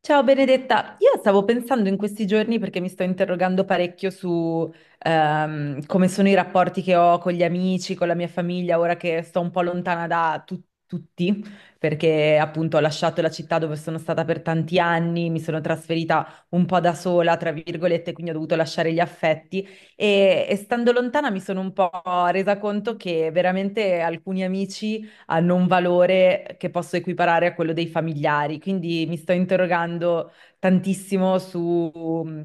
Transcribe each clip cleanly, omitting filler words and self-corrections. Ciao Benedetta, io stavo pensando in questi giorni perché mi sto interrogando parecchio su come sono i rapporti che ho con gli amici, con la mia famiglia, ora che sto un po' lontana da tutti, perché appunto ho lasciato la città dove sono stata per tanti anni, mi sono trasferita un po' da sola, tra virgolette, quindi ho dovuto lasciare gli affetti e stando lontana mi sono un po' resa conto che veramente alcuni amici hanno un valore che posso equiparare a quello dei familiari. Quindi mi sto interrogando tantissimo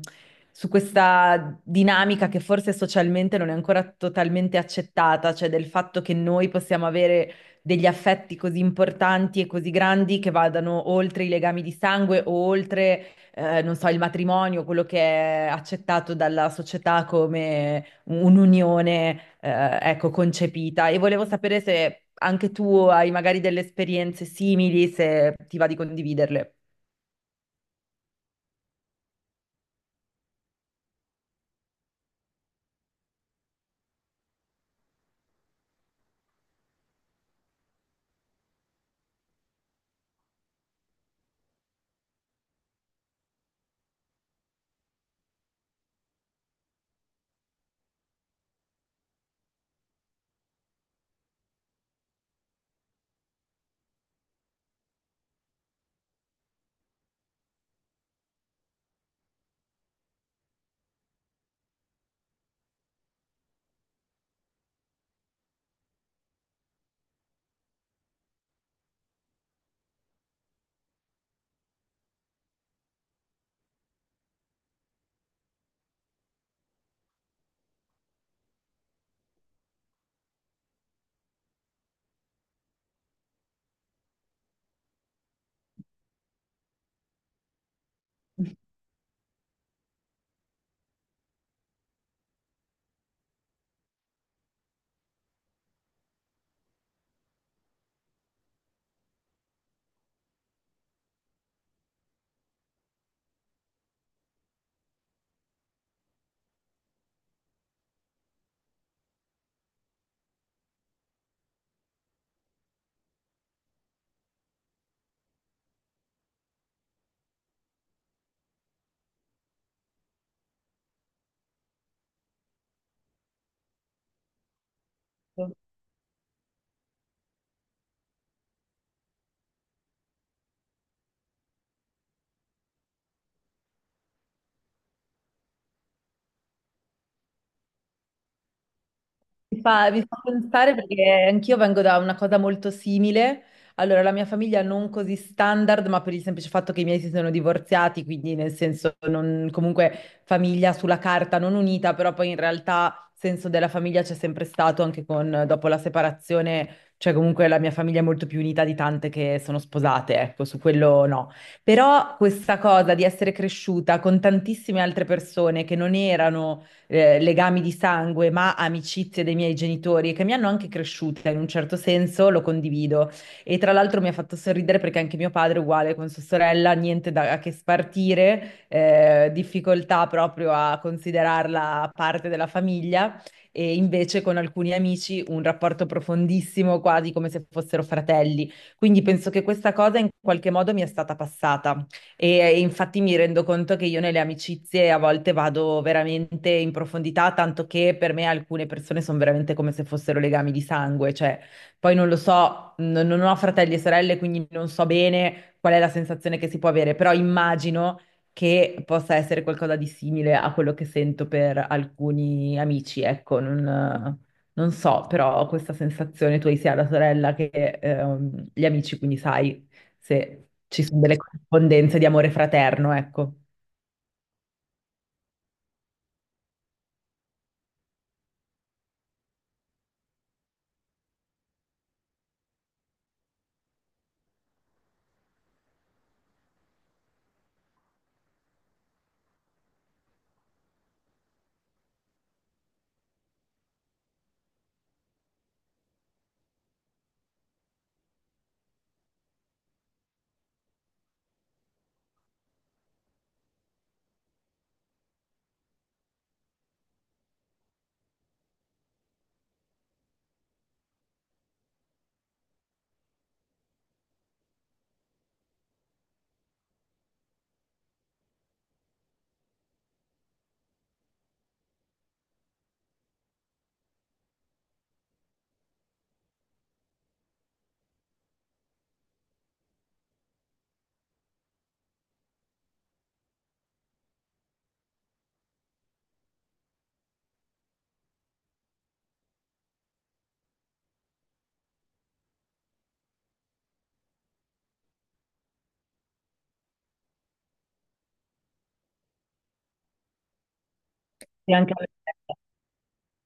su questa dinamica che forse socialmente non è ancora totalmente accettata, cioè del fatto che noi possiamo avere degli affetti così importanti e così grandi che vadano oltre i legami di sangue o oltre, non so, il matrimonio, quello che è accettato dalla società come un'unione, ecco, concepita. E volevo sapere se anche tu hai magari delle esperienze simili, se ti va di condividerle. Mi fa pensare perché anch'io vengo da una cosa molto simile. Allora, la mia famiglia non così standard, ma per il semplice fatto che i miei si sono divorziati, quindi nel senso comunque famiglia sulla carta non unita, però poi in realtà senso della famiglia c'è sempre stato anche con, dopo la separazione, cioè comunque la mia famiglia è molto più unita di tante che sono sposate, ecco, su quello no. Però questa cosa di essere cresciuta con tantissime altre persone che non erano legami di sangue, ma amicizie dei miei genitori che mi hanno anche cresciuta in un certo senso, lo condivido. E tra l'altro mi ha fatto sorridere perché anche mio padre, uguale con sua sorella, niente da che spartire, difficoltà proprio a considerarla parte della famiglia. E invece con alcuni amici un rapporto profondissimo, quasi come se fossero fratelli. Quindi penso che questa cosa in qualche modo mi è stata passata. Infatti mi rendo conto che io nelle amicizie a volte vado veramente in profondità, tanto che per me alcune persone sono veramente come se fossero legami di sangue, cioè poi non lo so, non ho fratelli e sorelle, quindi non so bene qual è la sensazione che si può avere, però immagino che possa essere qualcosa di simile a quello che sento per alcuni amici, ecco, non, non so, però ho questa sensazione. Tu hai sia la sorella che gli amici, quindi sai se ci sono delle corrispondenze di amore fraterno, ecco. Sì, anche per me.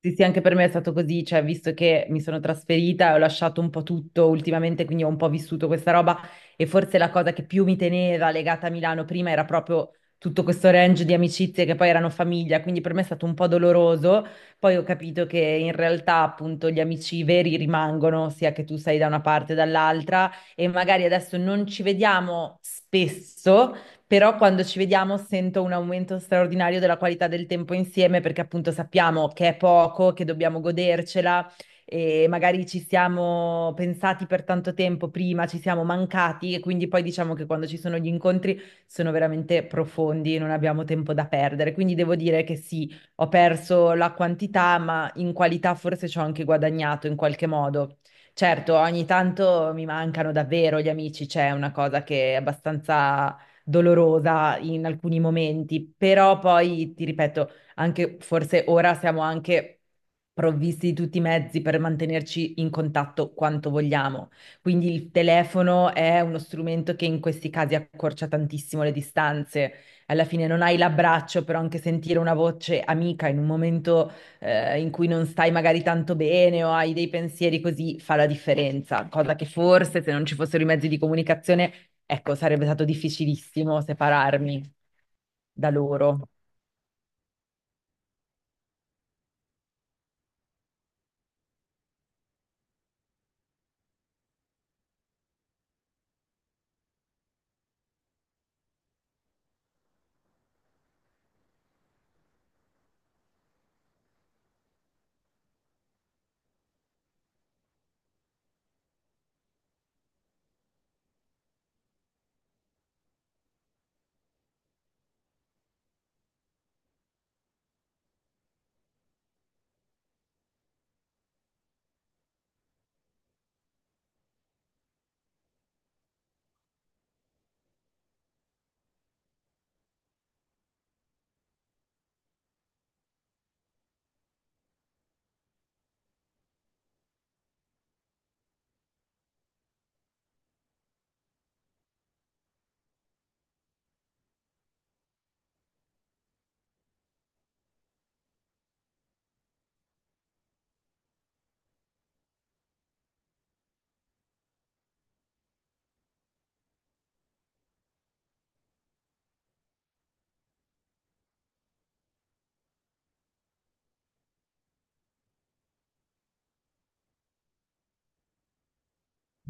Sì, sì, anche per me è stato così, cioè, visto che mi sono trasferita e ho lasciato un po' tutto ultimamente, quindi ho un po' vissuto questa roba e forse la cosa che più mi teneva legata a Milano prima era proprio tutto questo range di amicizie che poi erano famiglia, quindi per me è stato un po' doloroso. Poi ho capito che in realtà appunto gli amici veri rimangono, sia che tu sei da una parte o dall'altra, e magari adesso non ci vediamo spesso, però quando ci vediamo sento un aumento straordinario della qualità del tempo insieme, perché appunto sappiamo che è poco, che dobbiamo godercela e magari ci siamo pensati per tanto tempo prima, ci siamo mancati, e quindi poi diciamo che quando ci sono gli incontri sono veramente profondi, non abbiamo tempo da perdere. Quindi devo dire che sì, ho perso la quantità, ma in qualità forse ci ho anche guadagnato in qualche modo. Certo, ogni tanto mi mancano davvero gli amici, c'è una cosa che è abbastanza dolorosa in alcuni momenti, però poi ti ripeto, anche forse ora siamo anche provvisti di tutti i mezzi per mantenerci in contatto quanto vogliamo. Quindi il telefono è uno strumento che in questi casi accorcia tantissimo le distanze. Alla fine non hai l'abbraccio, però anche sentire una voce amica in un momento in cui non stai magari tanto bene o hai dei pensieri così fa la differenza, cosa che forse se non ci fossero i mezzi di comunicazione, ecco, sarebbe stato difficilissimo separarmi da loro.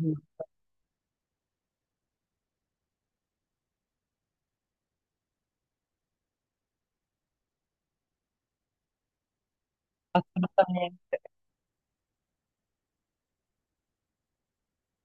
Mm.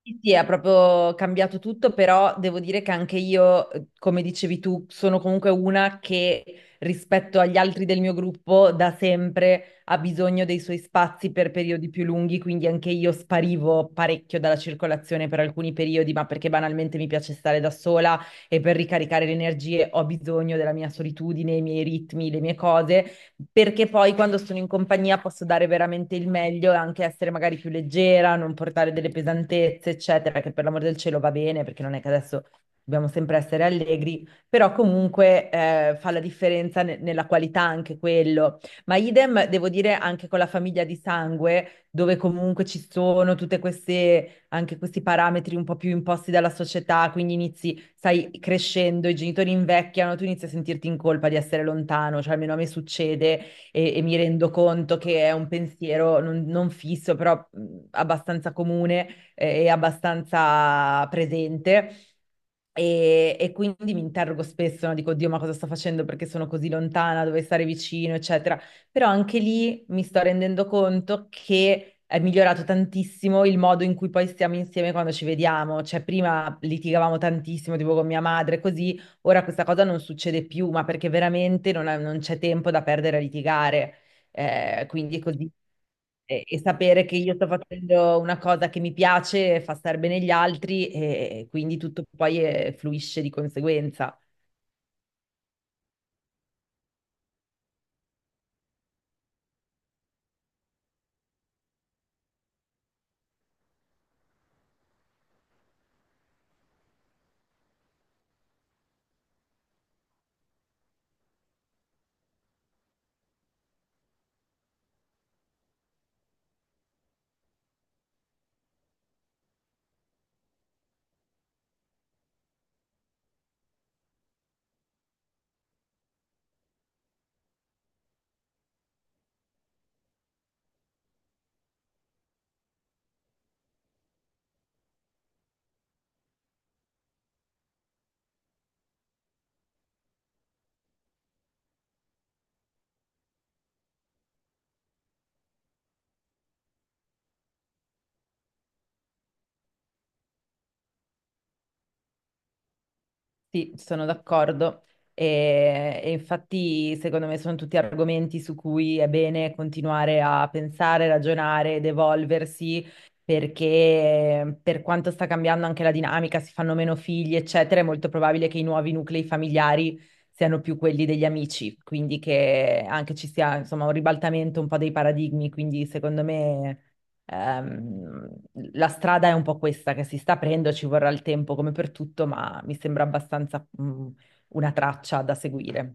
Sì, sì, ha proprio cambiato tutto, però devo dire che anche io, come dicevi tu, sono comunque una che rispetto agli altri del mio gruppo da sempre ha bisogno dei suoi spazi per periodi più lunghi, quindi anche io sparivo parecchio dalla circolazione per alcuni periodi, ma perché banalmente mi piace stare da sola e per ricaricare le energie ho bisogno della mia solitudine, i miei ritmi, le mie cose. Perché poi quando sono in compagnia posso dare veramente il meglio e anche essere magari più leggera, non portare delle pesantezze, eccetera, che per l'amor del cielo va bene, perché non è che adesso dobbiamo sempre essere allegri, però comunque fa la differenza nella qualità anche quello. Ma idem, devo dire, anche con la famiglia di sangue, dove comunque ci sono tutte queste, anche questi parametri un po' più imposti dalla società, quindi inizi, stai crescendo, i genitori invecchiano, tu inizi a sentirti in colpa di essere lontano, cioè almeno a me succede, e mi rendo conto che è un pensiero non fisso, però abbastanza comune e abbastanza presente. E quindi mi interrogo spesso, no? Dico, Dio, ma cosa sto facendo? Perché sono così lontana, dove stare vicino, eccetera. Però anche lì mi sto rendendo conto che è migliorato tantissimo il modo in cui poi stiamo insieme quando ci vediamo. Cioè, prima litigavamo tantissimo, tipo con mia madre, così, ora questa cosa non succede più, ma perché veramente non c'è tempo da perdere a litigare. Quindi è così. E sapere che io sto facendo una cosa che mi piace fa star bene gli altri, e quindi tutto poi fluisce di conseguenza. Sì, sono d'accordo. E infatti, secondo me, sono tutti argomenti su cui è bene continuare a pensare, ragionare ed evolversi, perché per quanto sta cambiando anche la dinamica, si fanno meno figli, eccetera, è molto probabile che i nuovi nuclei familiari siano più quelli degli amici, quindi che anche ci sia, insomma, un ribaltamento un po' dei paradigmi, quindi secondo me, ehm, la strada è un po' questa che si sta aprendo, ci vorrà il tempo come per tutto, ma mi sembra abbastanza, mm, una traccia da seguire.